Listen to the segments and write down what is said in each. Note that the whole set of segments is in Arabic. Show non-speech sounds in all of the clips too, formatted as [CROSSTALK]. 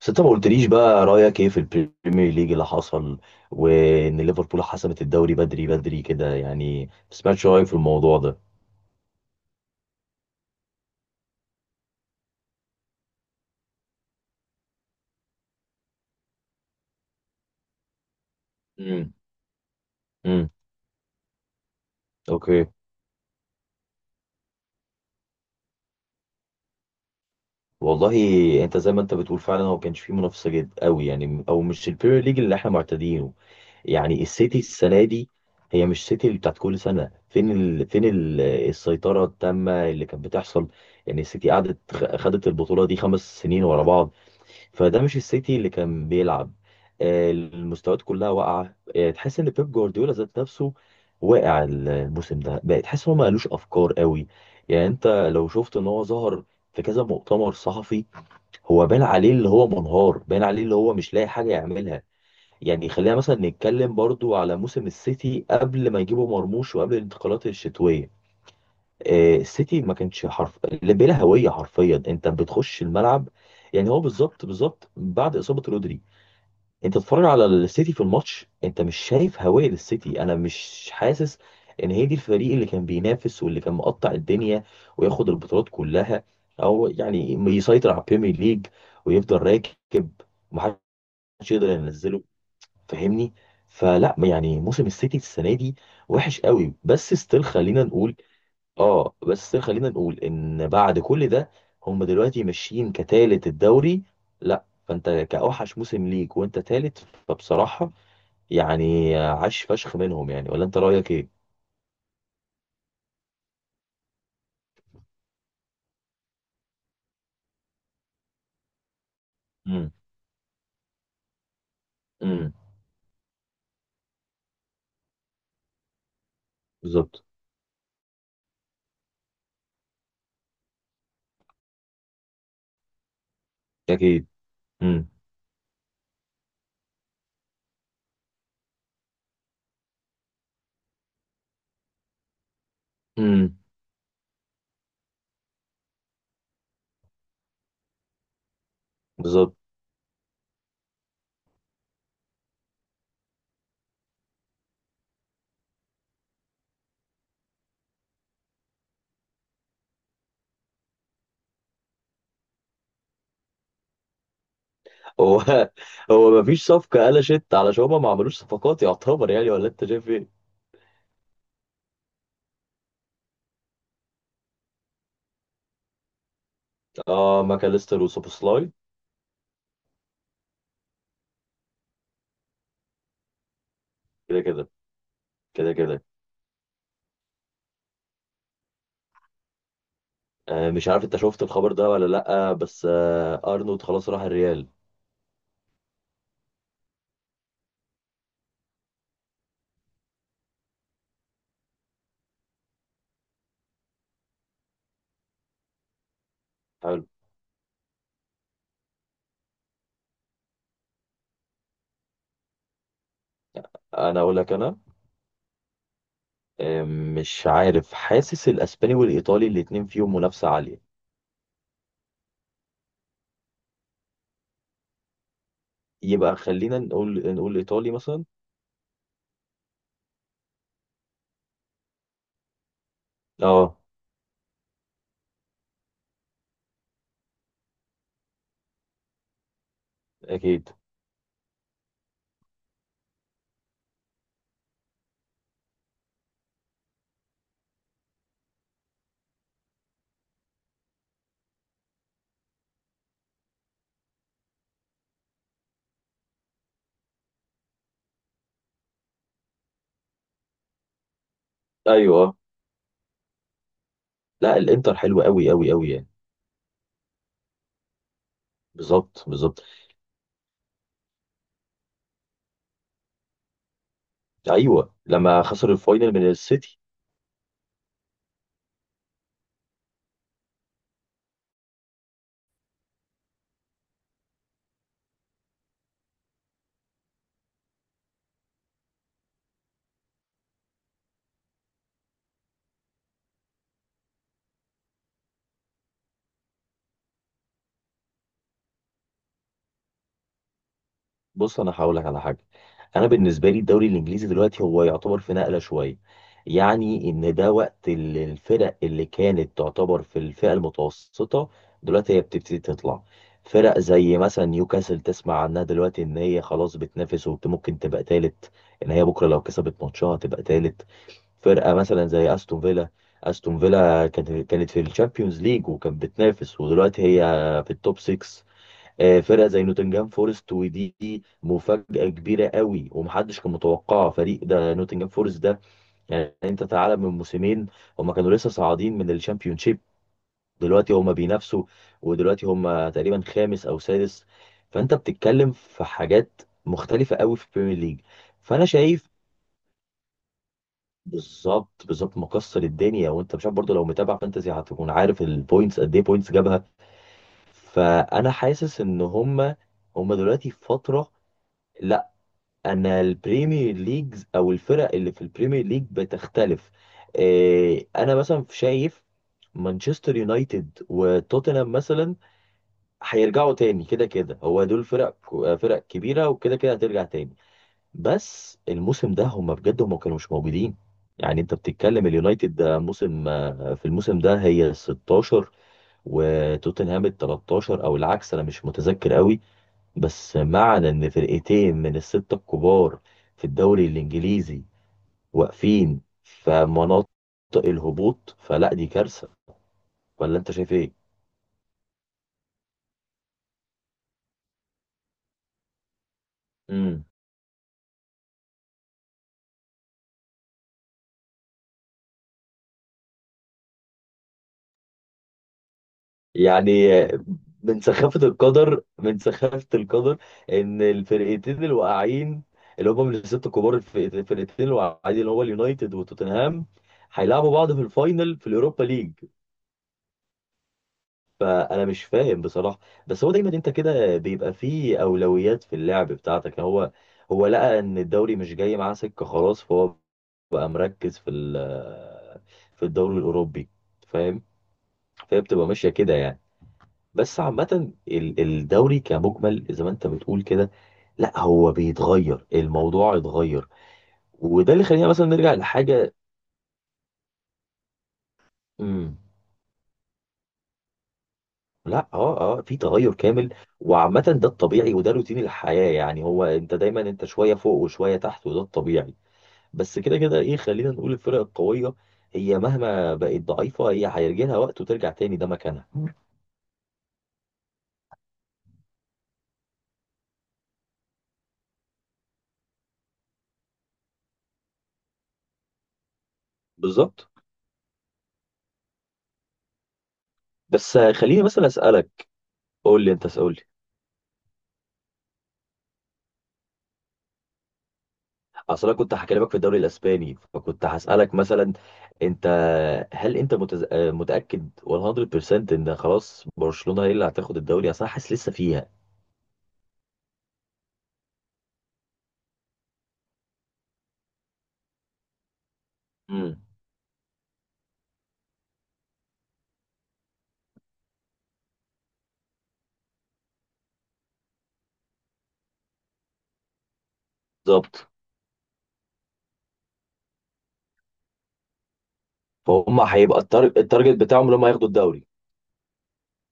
بس انت ما قلتليش بقى رأيك ايه في البريمير ليج اللي حصل، وان ليفربول حسمت الدوري بدري بدري كده، يعني ما سمعتش رأيك في الموضوع ده. امم امم اوكي. والله انت زي ما انت بتقول، فعلا هو كانش فيه منافسة جد قوي، يعني او مش البريمير ليج اللي احنا معتادينه. يعني السيتي السنة دي هي مش سيتي اللي بتاعت كل سنة. السيطرة التامة اللي كانت بتحصل. يعني السيتي قعدت خدت البطولة دي 5 سنين ورا بعض، فده مش السيتي اللي كان بيلعب. المستويات كلها واقعه، تحس ان بيب جوارديولا ذات نفسه واقع الموسم ده، بقى تحس ان هو ما قالوش افكار قوي. يعني انت لو شفت ان هو ظهر في كذا مؤتمر صحفي، هو بان عليه اللي هو منهار، بان عليه اللي هو مش لاقي حاجه يعملها. يعني خلينا مثلا نتكلم برضو على موسم السيتي قبل ما يجيبوا مرموش وقبل الانتقالات الشتويه. السيتي ما كانش حرف لا- بلا هويه حرفيا. انت بتخش الملعب، يعني هو بالظبط بالظبط بعد اصابه رودري، انت تتفرج على السيتي في الماتش انت مش شايف هويه للسيتي. انا مش حاسس ان هي دي الفريق اللي كان بينافس واللي كان مقطع الدنيا وياخد البطولات كلها، او يعني يسيطر على البريمير ليج ويفضل راكب ومحدش يقدر ينزله، فاهمني؟ فلا يعني موسم السيتي السنه دي وحش قوي، بس ستيل خلينا نقول. اه، بس خلينا نقول ان بعد كل ده هم دلوقتي ماشيين كتالت الدوري. لا، فانت كأوحش موسم ليك وانت تالت، فبصراحة يعني عاش فشخ منهم، يعني ولا انت رأيك ايه؟ امم امم بالظبط. اكيد. امم امم بالظبط. هو [LAUGHS] هو مفيش صفقة قلشت علشان هما ما عملوش صفقات يعتبر، يعني ولا انت شايف ايه؟ اه، ماكاليستر وسوبوسلاي. كده كده كده كده. آه، مش عارف انت شفت الخبر ده ولا لا، بس آه ارنولد خلاص راح الريال. حلو. انا اقول لك انا، مش عارف، حاسس الاسباني والايطالي الاتنين فيهم منافسه عاليه. يبقى خلينا نقول الايطالي مثلا. اه. اكيد. ايوه. لا الانتر حلو قوي قوي قوي يعني. بالظبط بالظبط. ايوه لما خسر الفاينل من السيتي. بص انا هقول لك على حاجه. انا بالنسبه لي الدوري الانجليزي دلوقتي هو يعتبر في نقله شويه. يعني ان ده وقت الفرق اللي كانت تعتبر في الفئه المتوسطه، دلوقتي هي بتبتدي تطلع. فرق زي مثلا نيوكاسل، تسمع عنها دلوقتي ان هي خلاص بتنافس، وممكن تبقى تالت، ان هي بكره لو كسبت ماتشها تبقى تالت. فرقه مثلا زي استون فيلا، استون فيلا كانت في الشامبيونز ليج وكانت بتنافس، ودلوقتي هي في التوب 6. آه، فرقه زي نوتنجهام فورست ودي مفاجاه كبيره قوي ومحدش كان متوقعها، فريق ده نوتنجهام فورست ده. يعني انت تعالى من موسمين، هما كانوا لسه صاعدين من الشامبيونشيب، دلوقتي هما بينافسوا، ودلوقتي هما تقريبا خامس او سادس. فانت بتتكلم في حاجات مختلفه قوي في البريمير ليج. فانا شايف، بالظبط بالظبط مكسر الدنيا، وانت مش عارف برضه، لو متابع فانتزي هتكون عارف البوينتس قد ايه، بوينتس جابها. فانا حاسس ان هما دلوقتي في فتره. انا البريمير ليجز او الفرق اللي في البريمير ليج بتختلف. انا مثلا شايف مانشستر يونايتد وتوتنهام مثلا هيرجعوا تاني، كده كده هو دول فرق، فرق كبيره وكده كده هترجع تاني. بس الموسم ده هم بجد هم كانوا مش موجودين. يعني انت بتتكلم اليونايتد ده موسم، في الموسم ده هي ال 16 وتوتنهام ال 13 او العكس، انا مش متذكر قوي. بس معنى ان فرقتين من الستة الكبار في الدوري الانجليزي واقفين في مناطق الهبوط، فلا دي كارثة، ولا انت شايف ايه؟ امم يعني من سخافة القدر، من سخافة القدر ان الفرقتين الواقعين اللي هم من الست الكبار، الفرقتين الواقعين اللي هو اليونايتد وتوتنهام، هيلعبوا بعض في الفاينل في اليوروبا ليج. فانا مش فاهم بصراحه. بس هو دايما انت كده بيبقى فيه اولويات في اللعب بتاعتك. هو لقى ان الدوري مش جاي معاه سكه خلاص، فهو بقى مركز في في الدوري الاوروبي، فاهم؟ فهي بتبقى ماشيه كده يعني. بس عامه الدوري كمجمل زي ما انت بتقول كده، لا هو بيتغير، الموضوع اتغير. وده اللي خلينا مثلا نرجع لحاجه. مم. لا اه اه في تغير كامل. وعامة ده الطبيعي، وده روتين الحياة، يعني هو انت دايما انت شوية فوق وشوية تحت، وده الطبيعي. بس كده كده ايه، خلينا نقول الفرق القوية هي مهما بقت ضعيفة، هي هيجي لها وقت وترجع تاني، ده مكانها. بالظبط. بس خليني مثلا اسألك، قول لي انت، اسأل لي. اصل انا كنت هكلمك في الدوري الاسباني، فكنت هسألك مثلا انت، هل انت متز... آه، متأكد 100% ان خلاص برشلونة هي اللي هتاخد الدوري؟ اصل انا حاسس لسه فيها. امم. بالظبط. فهم هيبقى التارجت بتاعهم اللي هم ياخدوا الدوري.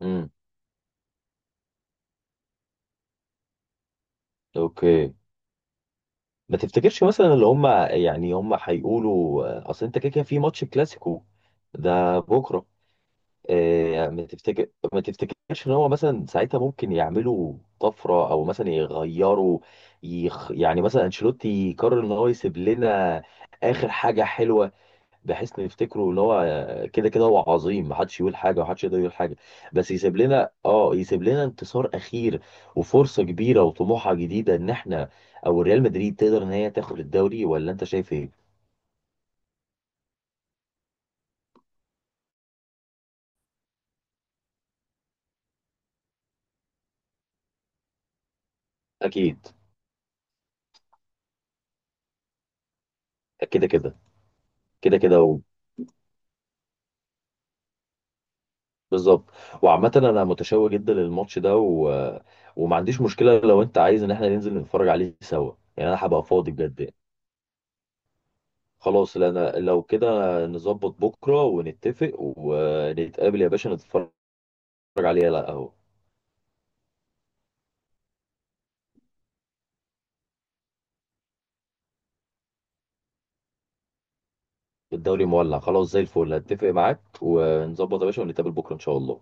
امم. اوكي. ما تفتكرش مثلا اللي هم، يعني هم هيقولوا، اصل انت كده كده في ماتش كلاسيكو ده بكره، آه، يعني ما تفتكرش ان هو مثلا ساعتها ممكن يعملوا طفره، او مثلا يغيروا، يعني مثلا انشيلوتي يقرر ان هو يسيب لنا اخر حاجه حلوه، بحيث إن يفتكروا اللي هو كده كده هو عظيم، محدش يقول حاجه ومحدش يقدر يقول حاجه، بس يسيب لنا، اه يسيب لنا انتصار اخير، وفرصه كبيره وطموحه جديده ان احنا، او ريال مدريد تقدر ان هي تاخد الدوري، ولا انت شايف ايه؟ اكيد. كده كده كده كده بالظبط. وعامه انا متشوق جدا للماتش ده وما عنديش مشكله لو انت عايز ان احنا ننزل نتفرج عليه سوا، يعني انا هبقى فاضي بجد يعني. خلاص، لا انا لو كده نظبط بكره ونتفق ونتقابل يا باشا، نتفرج، اتفرج عليه، لا اهو الدوري مولع خلاص زي الفل، هتفق معاك ونظبط يا باشا، ونتقابل بكره ان شاء الله.